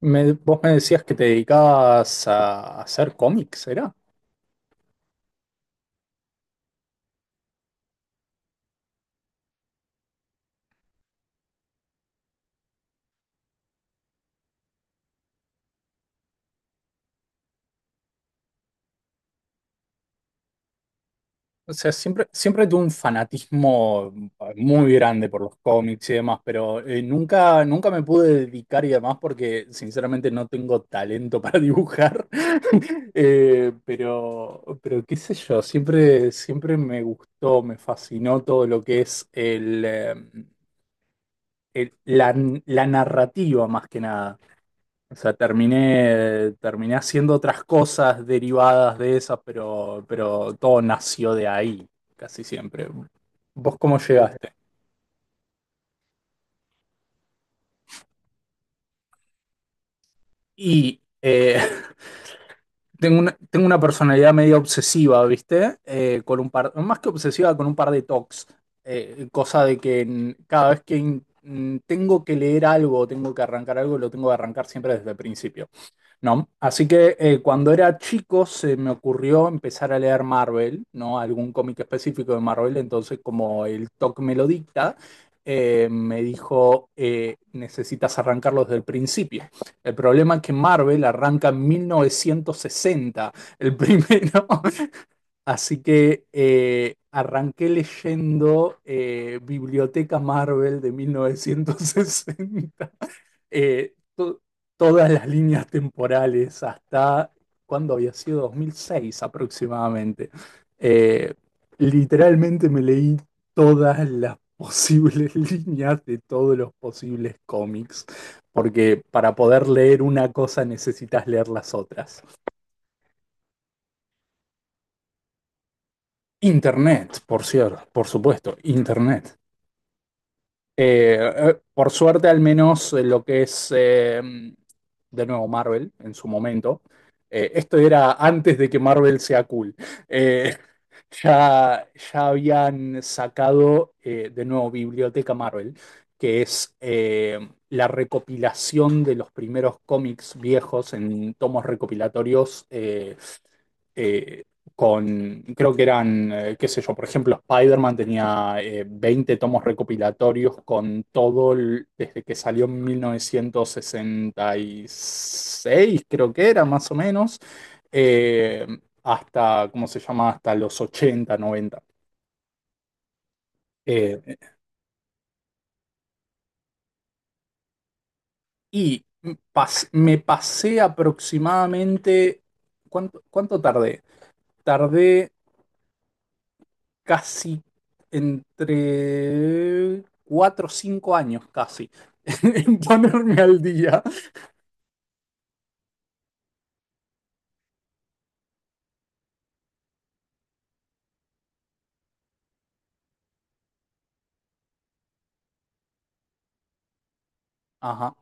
Me- vos me decías que te dedicabas a hacer cómics, ¿era? O sea, siempre tuve un fanatismo muy grande por los cómics y demás, pero nunca me pude dedicar y demás porque sinceramente no tengo talento para dibujar. Pero qué sé yo, siempre me gustó, me fascinó todo lo que es el- la, la narrativa más que nada. O sea, terminé haciendo otras cosas derivadas de esas, pero todo nació de ahí, casi siempre. ¿Vos cómo llegaste? Y tengo una personalidad medio obsesiva, ¿viste? Con un par, más que obsesiva, con un par de tocs. Cosa de que cada vez que tengo que leer algo, tengo que arrancar algo, lo tengo que arrancar siempre desde el principio. No, así que cuando era chico se me ocurrió empezar a leer Marvel, ¿no? Algún cómic específico de Marvel, entonces como el TOC me lo dicta, me dijo, necesitas arrancarlo desde el principio. El problema es que Marvel arranca en 1960 el primero. Así que arranqué leyendo Biblioteca Marvel de 1960, eh, to- todas las líneas temporales hasta cuando había sido 2006 aproximadamente. Eh, Literalmente me leí todas las posibles líneas de todos los posibles cómics, porque para poder leer una cosa necesitas leer las otras. Internet, por cierto, por supuesto, Internet. Por suerte, al menos lo que es, de nuevo, Marvel en su momento. Esto era antes de que Marvel sea cool. Eh, ya habían sacado, de nuevo, Biblioteca Marvel, que es la recopilación de los primeros cómics viejos en tomos recopilatorios. Eh, con, creo que eran, qué sé yo, por ejemplo, Spider-Man tenía 20 tomos recopilatorios con todo, el- desde que salió en 1966 creo que era más o menos, eh, hasta, ¿cómo se llama? Hasta los ochenta noventa. Eh, y Me pasé aproximadamente, ¿cuánto, cuánto tardé? Tardé casi entre 4 o 5 años, casi, en ponerme al día. Ajá.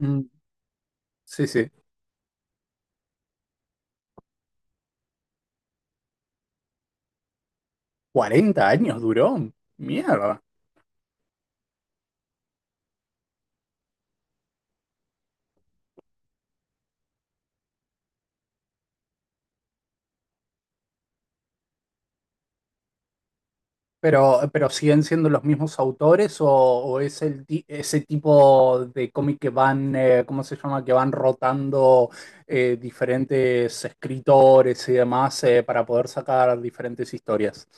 Mm. Sí, sí. Cuarenta años duró. Mierda. Pero siguen siendo los mismos autores o, ese tipo de cómic que van, ¿cómo se llama? Que van rotando diferentes escritores y demás para poder sacar diferentes historias.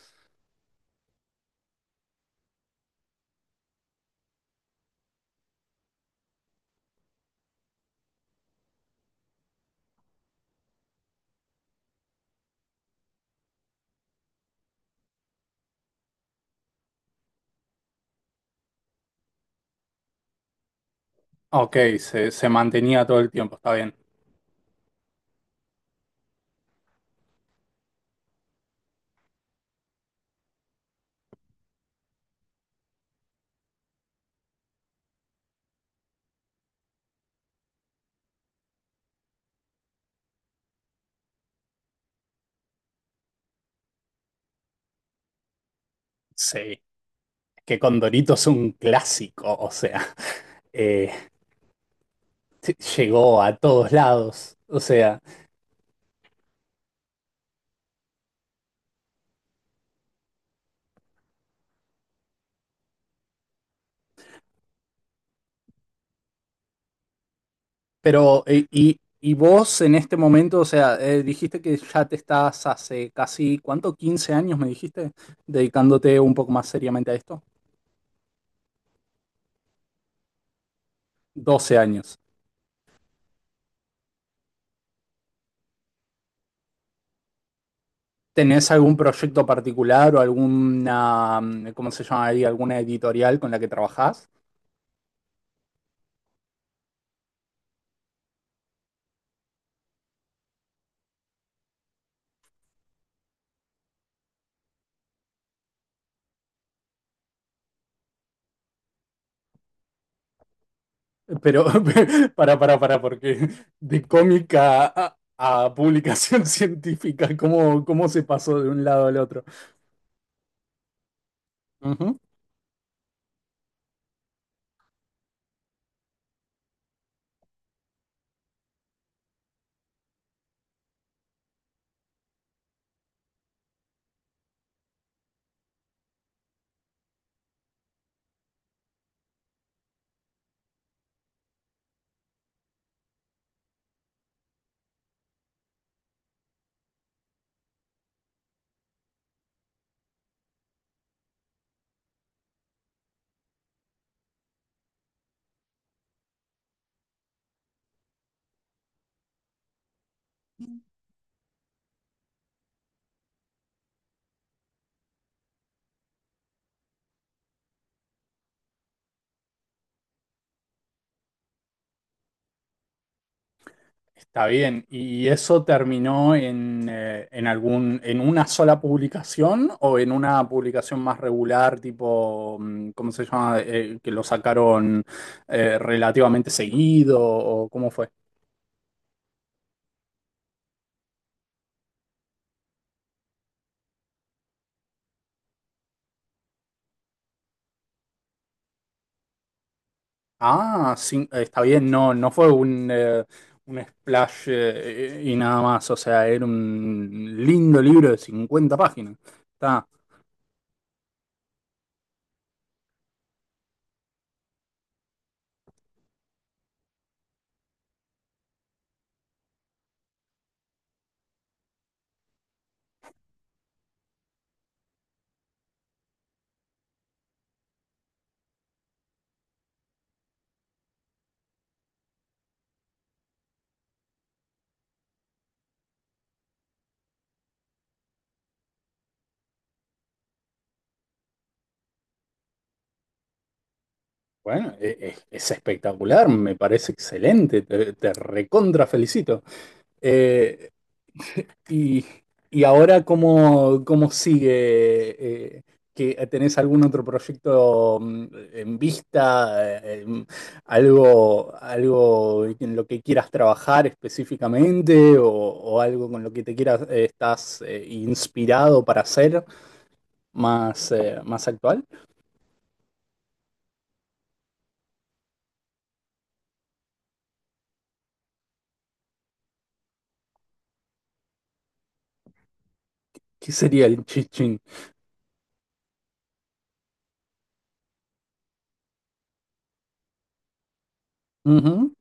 Ok, se mantenía todo el tiempo, está bien. Sí. Que Condorito es un clásico, o sea, eh, sí, llegó a todos lados, o sea, pero y vos en este momento, o sea, dijiste que ya te estás hace casi, ¿cuánto? Quince años me dijiste, dedicándote un poco más seriamente a esto. Doce años. ¿Tenés algún proyecto particular o alguna, ¿cómo se llama ahí? ¿Alguna editorial con la que trabajás? Pero, porque de cómica a publicación científica, ¿cómo, cómo se pasó de un lado al otro? Ujú. Está bien, ¿y eso terminó en algún, en una sola publicación o en una publicación más regular, tipo, ¿cómo se llama? ¿Que lo sacaron relativamente seguido o cómo fue? Ah, sí, está bien, no, no fue un splash y nada más, o sea, era un lindo libro de 50 páginas. Está, bueno, es, espectacular, me parece excelente, te recontra felicito. Y, y ahora, ¿cómo, cómo sigue? ¿Que tenés algún otro proyecto en vista? ¿Algo, algo en lo que quieras trabajar específicamente? O algo con lo que te quieras, estás inspirado para hacer más, más actual? ¿Qué sería el chichín? Ujú.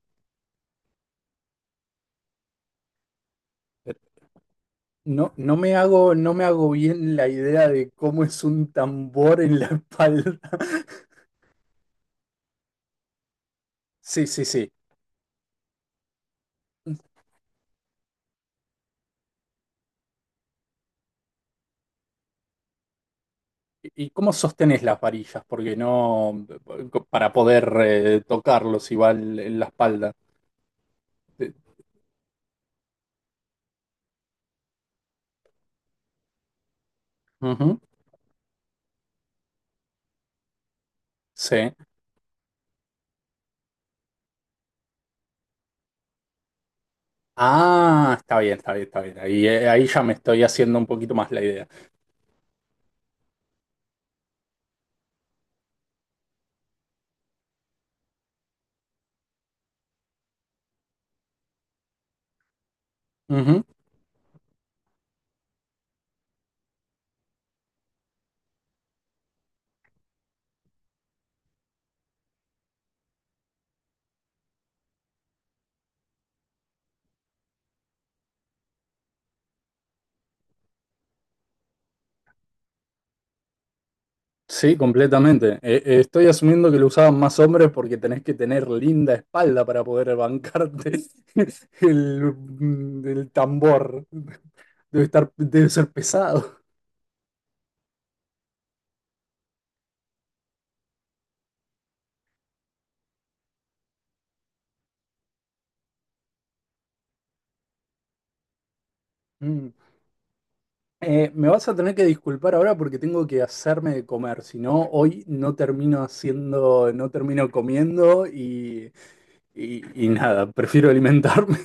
No, no me hago bien la idea de cómo es un tambor en la espalda. Sí, sí, sí. ¿Y cómo sostenés las varillas? Porque no, para poder tocarlos igual en la espalda. Eh, Ujú, sí. Ah, está bien. Ahí, ahí ya me estoy haciendo un poquito más la idea. Ujú. Sí, completamente. Estoy asumiendo que lo usaban más hombres porque tenés que tener linda espalda para poder bancarte el, el tambor. Debe ser pesado. Me vas a tener que disculpar ahora porque tengo que hacerme de comer, si no, hoy no termino haciendo, no termino comiendo y, y nada, prefiero alimentarme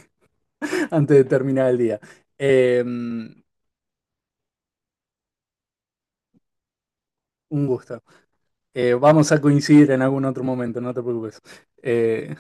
antes de terminar el día. Un gusto. Vamos a coincidir en algún otro momento, no te preocupes. Eh,